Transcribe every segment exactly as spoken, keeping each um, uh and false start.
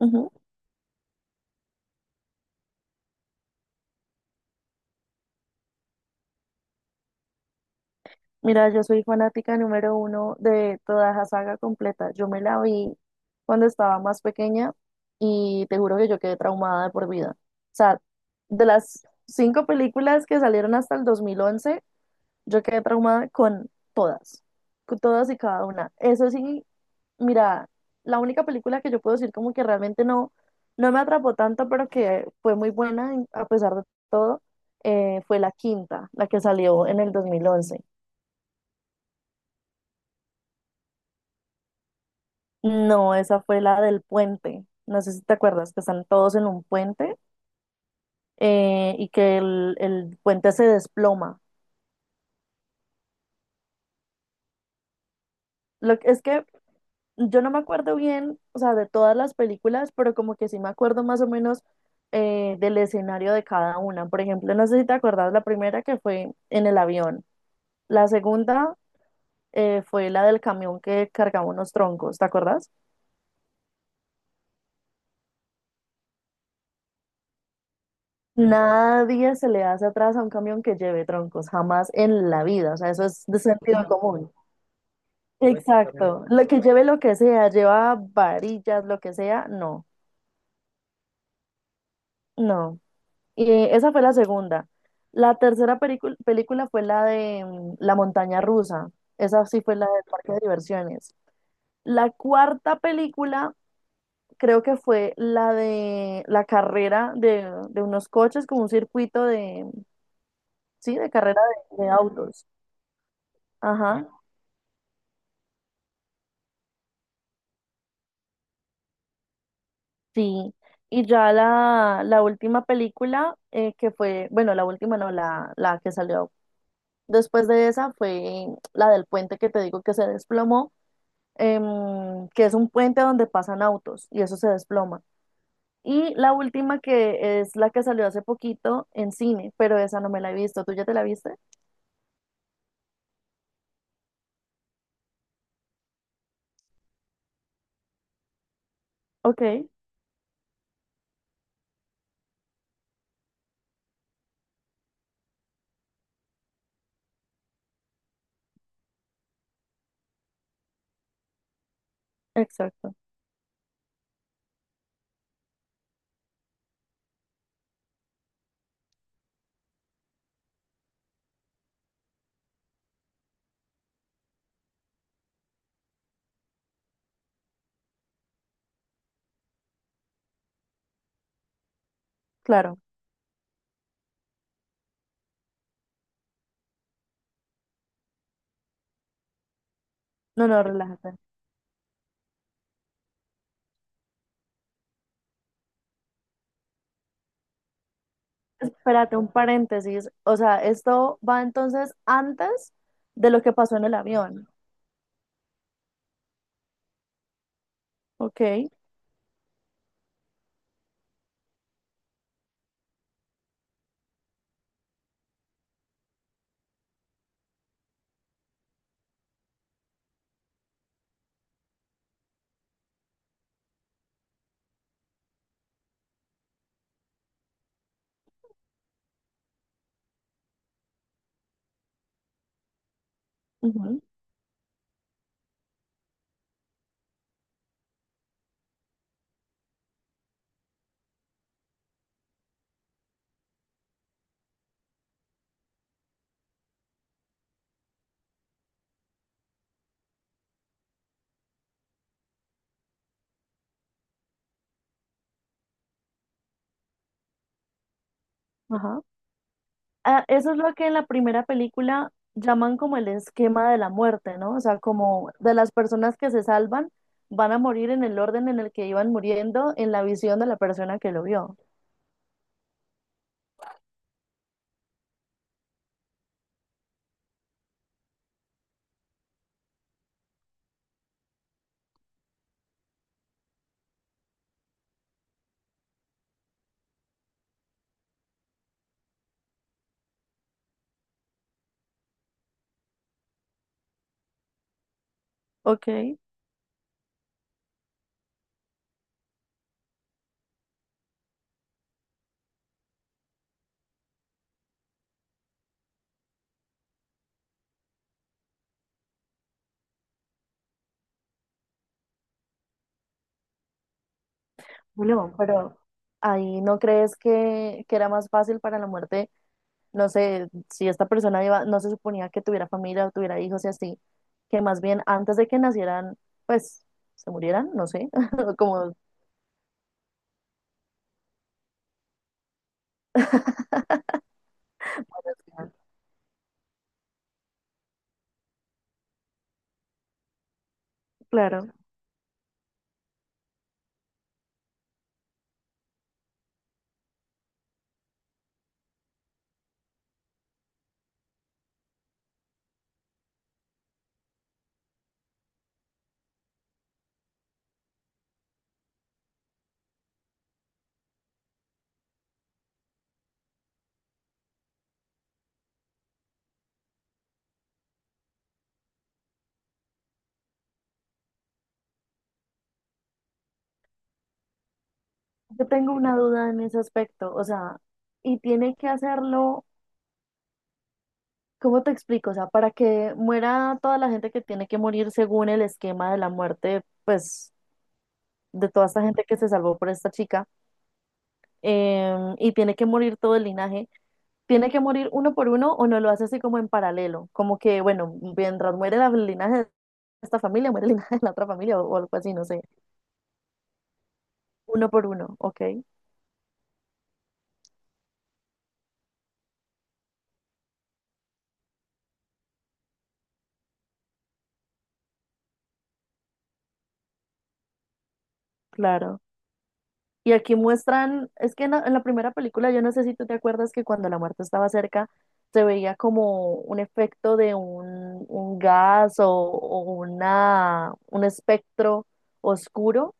Ujú. Mira, yo soy fanática número uno de toda la saga completa. Yo me la vi cuando estaba más pequeña y te juro que yo quedé traumada de por vida. O sea, de las cinco películas que salieron hasta el dos mil once, yo quedé traumada con todas, con todas y cada una. Eso sí, mira, la única película que yo puedo decir como que realmente no, no me atrapó tanto, pero que fue muy buena en- a pesar de todo, eh, fue la quinta, la que salió en el dos mil once. No, esa fue la del puente. No sé si te acuerdas que están todos en un puente, eh, y que el, el puente se desploma. Lo que es que yo no me acuerdo bien, o sea, de todas las películas, pero como que sí me acuerdo más o menos, eh, del escenario de cada una. Por ejemplo, no sé si te acuerdas la primera que fue en el avión. La segunda, eh, fue la del camión que cargaba unos troncos, ¿te acuerdas? Nadie se le hace atrás a un camión que lleve troncos, jamás en la vida. O sea, eso es de sentido común. Exacto, lo que lleve, lo que sea, lleva varillas, lo que sea, no, no. Y eh, esa fue la segunda. La tercera pericu- película fue la de mm, la montaña rusa, esa sí fue la del parque de diversiones. La cuarta película creo que fue la de la carrera de, de unos coches, como un circuito de, sí, de carrera de, de autos. Ajá, sí. Y ya la, la última película, eh, que fue, bueno, la última no, la, la que salió. Después de esa fue la del puente que te digo que se desplomó, em, que es un puente donde pasan autos y eso se desploma. Y la última que es la que salió hace poquito en cine, pero esa no me la he visto. ¿Tú ya te la viste? Ok, exacto. Claro. No, no, relájate. Espérate, un paréntesis. O sea, esto va entonces antes de lo que pasó en el avión. Ok. Ujú. Ajá. Ah, eso es lo que en la primera película llaman como el esquema de la muerte, ¿no? O sea, como de las personas que se salvan van a morir en el orden en el que iban muriendo en la visión de la persona que lo vio. Ok. Bueno, pero ahí no crees que, que era más fácil para la muerte, no sé, si esta persona iba, no se suponía que tuviera familia o tuviera hijos y así, que más bien antes de que nacieran, pues se murieran, no sé, como, claro. Yo tengo una duda en ese aspecto, o sea, y tiene que hacerlo, ¿cómo te explico? O sea, para que muera toda la gente que tiene que morir según el esquema de la muerte, pues, de toda esta gente que se salvó por esta chica, em, y tiene que morir todo el linaje. ¿Tiene que morir uno por uno o no lo hace así como en paralelo? Como que, bueno, mientras muere la- el linaje de esta familia, muere el linaje de la otra familia o, o algo así, no sé, uno por uno, ok, claro. Y aquí muestran, es que en la, en la primera película, yo no sé si tú te acuerdas que cuando la muerte estaba cerca, se veía como un efecto de un, un gas o, o una, un espectro oscuro,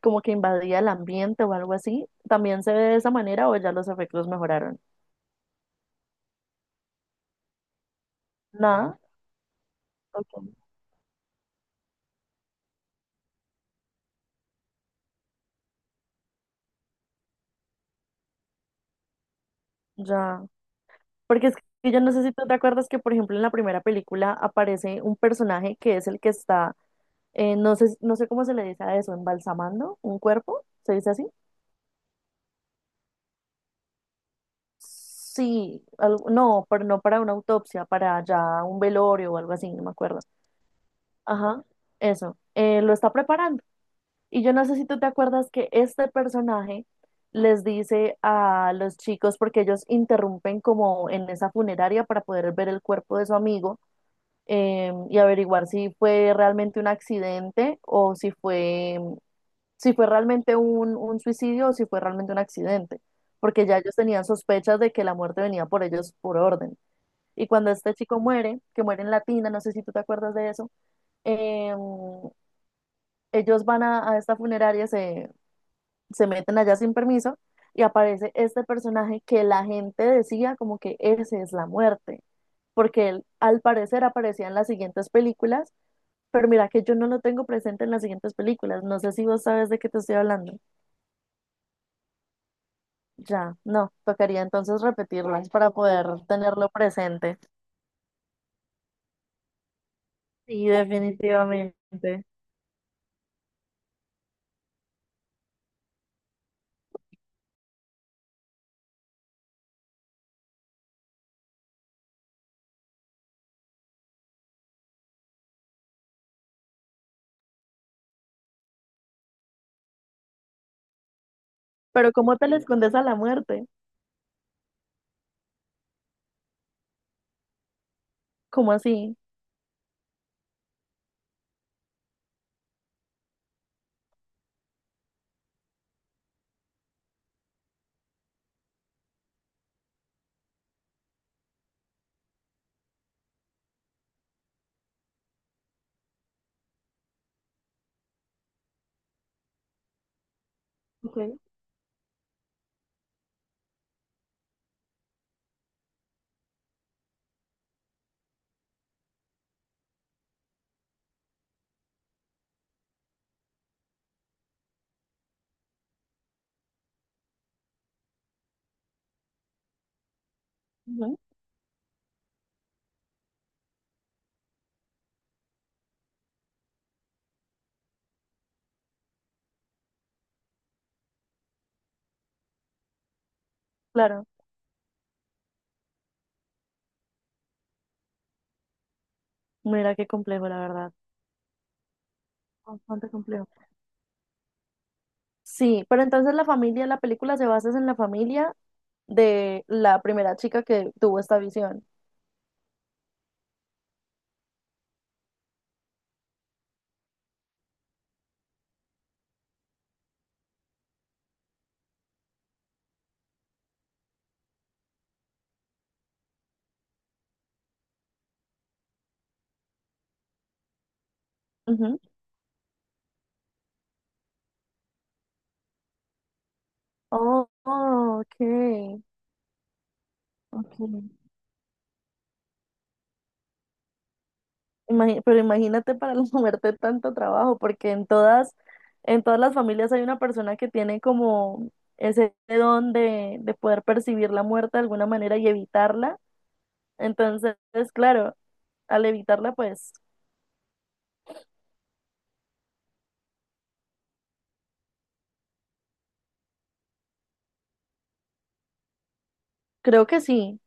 como que invadía el ambiente o algo así. ¿También se ve de esa manera o ya los efectos mejoraron? Nada, ok, ya. Porque es que yo no sé si tú te acuerdas que, por ejemplo, en la primera película aparece un personaje que es el que está, eh, no sé, no sé cómo se le dice a eso, embalsamando un cuerpo, ¿se dice así? Sí, al- no, pero no para una autopsia, para ya un velorio o algo así, no me acuerdo. Ajá, eso, eh, lo está preparando. Y yo no sé si tú te acuerdas que este personaje les dice a los chicos, porque ellos interrumpen como en esa funeraria para poder ver el cuerpo de su amigo, eh, y averiguar si fue realmente un accidente o si fue, si fue realmente un, un suicidio o si fue realmente un accidente, porque ya ellos tenían sospechas de que la muerte venía por ellos por orden. Y cuando este chico muere, que muere en Latina, no sé si tú te acuerdas de eso, em, ellos van a, a esta funeraria, se, se meten allá sin permiso y aparece este personaje que la gente decía como que ese es la muerte, porque él al parecer aparecía en las siguientes películas, pero mira que yo no lo tengo presente en las siguientes películas, no sé si vos sabes de qué te estoy hablando. Ya, no, tocaría entonces repetirlas para poder tenerlo presente. Sí, definitivamente. Pero ¿cómo te le escondes a la muerte? ¿Cómo así? Ok. Ujú. Claro, mira qué complejo, la verdad. Bastante complejo. Sí, pero entonces la familia, la película se basa en la familia de la primera chica que tuvo esta visión. Ujú. Oh, oh, ok. Ok. Imagi- pero imagínate para la muerte tanto trabajo, porque en todas, en todas las familias hay una persona que tiene como ese don de, de poder percibir la muerte de alguna manera y evitarla. Entonces, claro, al evitarla, pues creo que sí.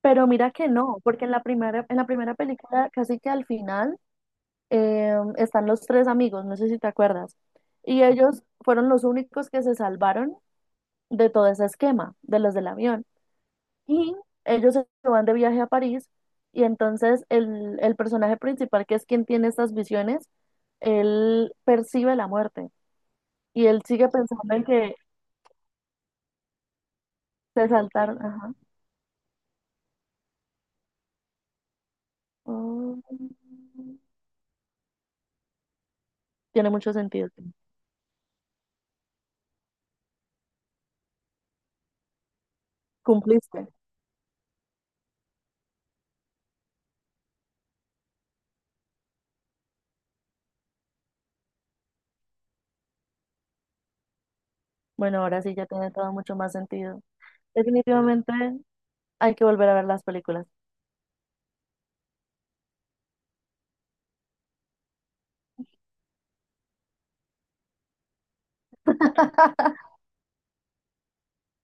Pero mira que no, porque en la primera, en la primera película, casi que al final, eh, están los tres amigos, no sé si te acuerdas. Y ellos fueron los únicos que se salvaron de todo ese esquema, de los del avión. Y ellos se van de viaje a París y entonces el, el personaje principal, que es quien tiene estas visiones, él percibe la muerte y él sigue pensando en que se saltaron. Ajá. Oh, tiene mucho sentido. Cumpliste. Bueno, ahora sí ya tiene todo mucho más sentido. Definitivamente hay que volver a ver las películas.